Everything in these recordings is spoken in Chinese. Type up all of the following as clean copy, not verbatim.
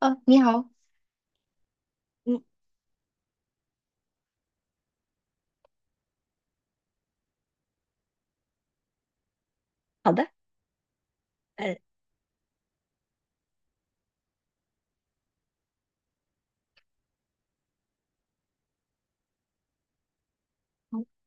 你好。嗯。呃，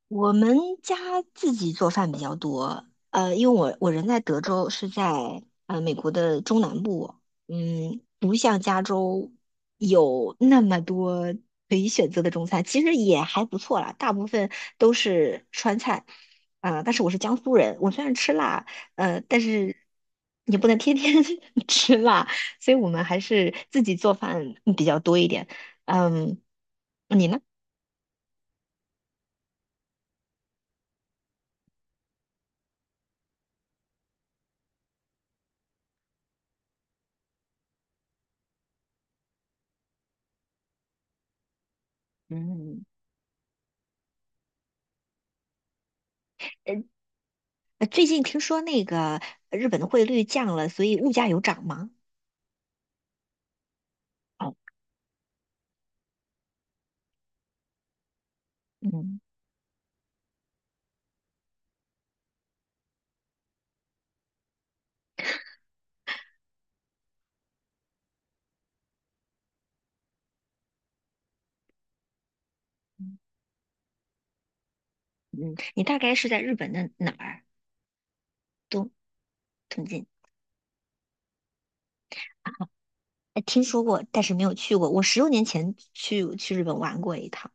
我们家自己做饭比较多，因为我人在德州，是在美国的中南部。不像加州有那么多可以选择的中餐，其实也还不错啦，大部分都是川菜。啊，但是我是江苏人。我虽然吃辣，但是也不能天天 吃辣，所以我们还是自己做饭比较多一点。嗯，你呢？嗯。呃，最近听说那个日本的汇率降了，所以物价有涨吗？哦。嗯嗯，你大概是在日本的哪儿？东东京？听说过，但是没有去过。我十多年前去日本玩过一趟，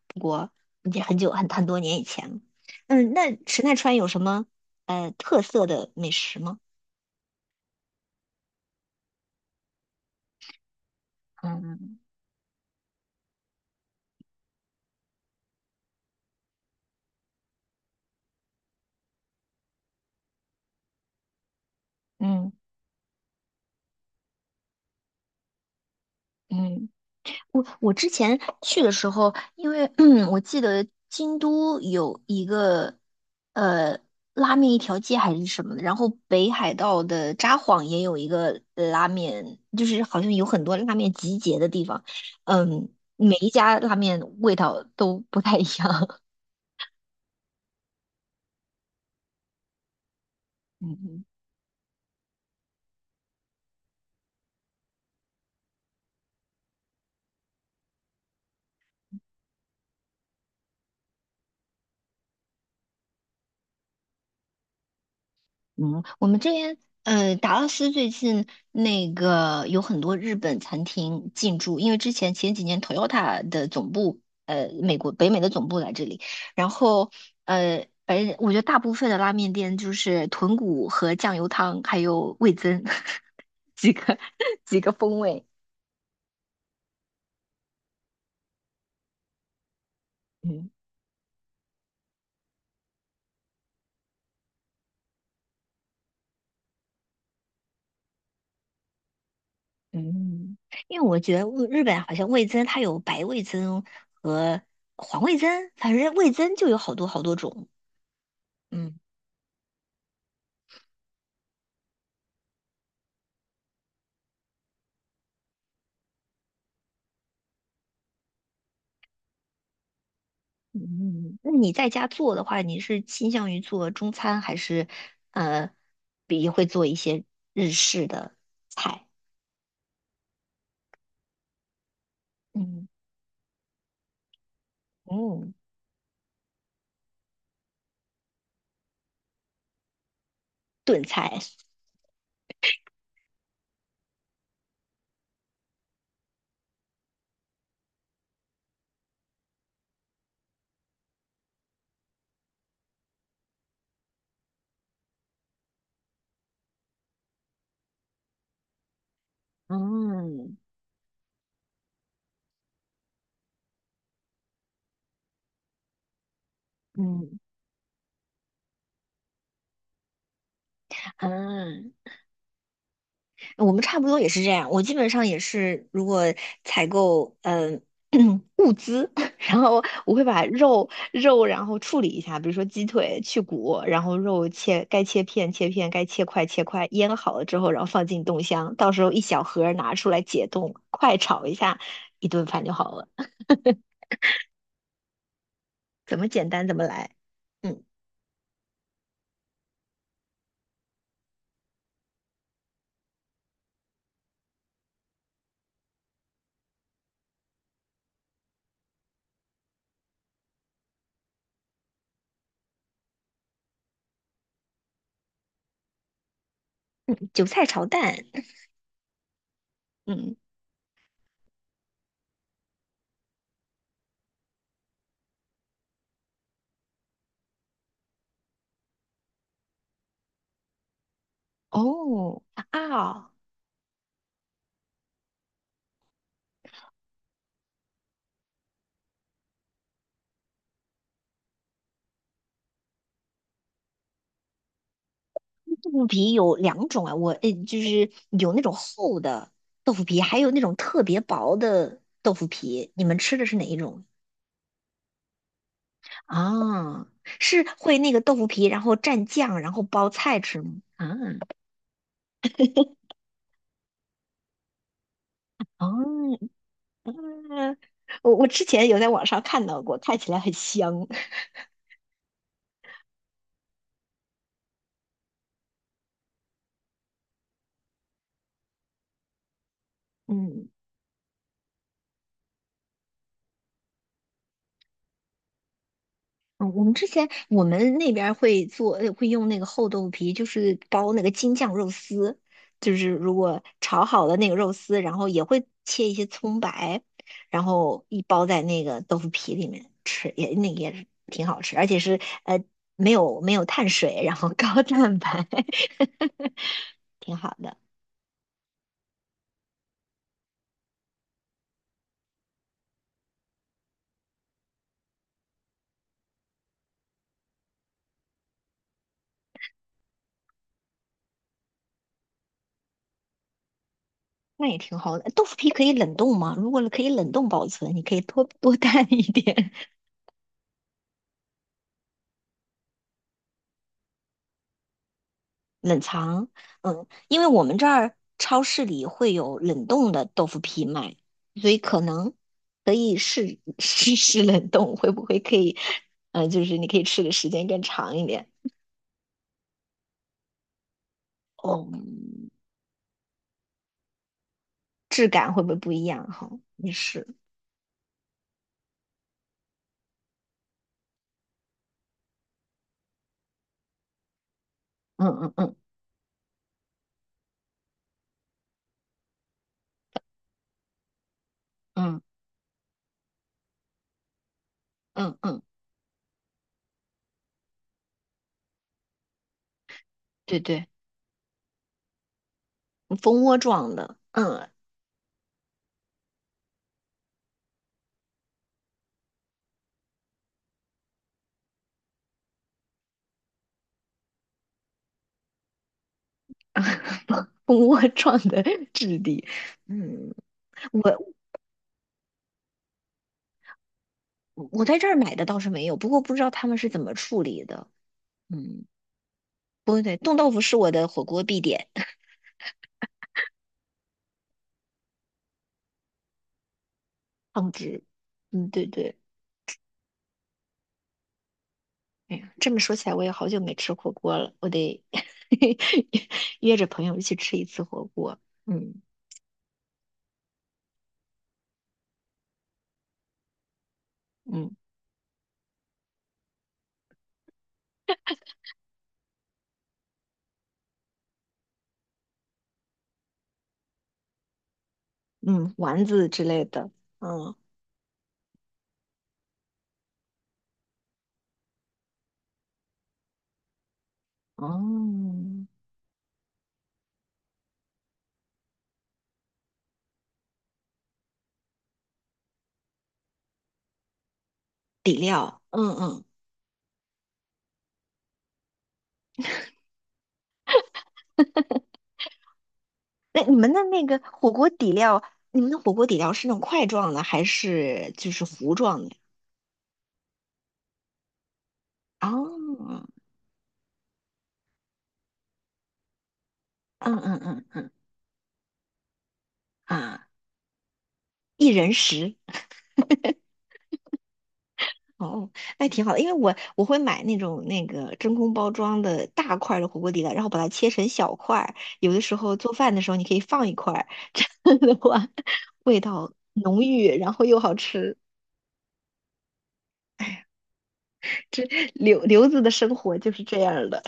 也很久很多年以前了。那池奈川有什么特色的美食吗？嗯嗯嗯。我之前去的时候，因为 我记得京都有一个呃拉面一条街还是什么的，然后北海道的札幌也有一个拉面，就是好像有很多拉面集结的地方。嗯，每一家拉面味道都不太一样。嗯嗯，我们这边达拉斯最近那个有很多日本餐厅进驻。因为之前前几年 Toyota 的总部，美国北美的总部来这里，然后反正我觉得大部分的拉面店就是豚骨和酱油汤，还有味增 几个几个风味。嗯嗯，因为我觉得日本好像味增它有白味增和黄味增，反正味增就有好多好多种。嗯。嗯，嗯嗯，那你在家做的话，你是倾向于做中餐，还是呃，比会做一些日式的菜？嗯嗯，炖菜。嗯嗯嗯。我们差不多也是这样，我基本上也是，如果采购呃 物资，然后我会把肉然后处理一下，比如说鸡腿去骨，然后肉切该切片切片，该切块切块，腌好了之后，然后放进冻箱，到时候一小盒儿拿出来解冻，快炒一下，一顿饭就好了。怎么简单怎么来。嗯嗯，韭菜炒蛋。嗯哦啊哦。豆腐皮有两种啊，我就是有那种厚的豆腐皮，还有那种特别薄的豆腐皮。你们吃的是哪一种啊？是会那个豆腐皮，然后蘸酱，然后包菜吃吗？啊。哦。嗯我之前有在网上看到过，看起来很香。嗯。嗯，我们之前我们那边儿会做，会用那个厚豆皮，就是包那个京酱肉丝，就是如果炒好了那个肉丝，然后也会切一些葱白，然后一包在那个豆腐皮里面吃，也那个也是挺好吃，而且是没有没有碳水，然后 高蛋白，挺好的。那也挺好的。豆腐皮可以冷冻吗？如果可以冷冻保存，你可以多多 带一点。冷藏。因为我们这儿超市里会有冷冻的豆腐皮卖，所以可能可以试 试试冷冻，会不会可以？就是你可以吃的时间更长一点。哦，质感会不会不一样？哈，也是。嗯嗯嗯嗯嗯嗯。对对，蜂窝状的。嗯。蜂窝状的 质地。嗯，我我在这儿买的倒是没有，不过不知道他们是怎么处理的。嗯。不对，冻豆腐是我的火锅必点。汤汁。嗯，对对。哎呀，这么说起来，我也好久没吃火锅了，我得 约着朋友一起吃一次火锅。嗯嗯嗯，丸子之类的。嗯哦，底料。嗯嗯，那你们的那个火锅底料，你们的火锅底料是那种块状的，还是就是糊状的？哦，嗯嗯嗯嗯啊，一人食。哦，那挺好的。因为我会买那种那个真空包装的大块儿的火锅底料，然后把它切成小块儿。有的时候做饭的时候，你可以放一块儿，这样的话味道浓郁，然后又好吃。这刘子的生活就是这样儿的。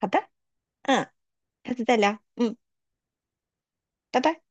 好的。嗯，下次再聊。嗯，拜拜。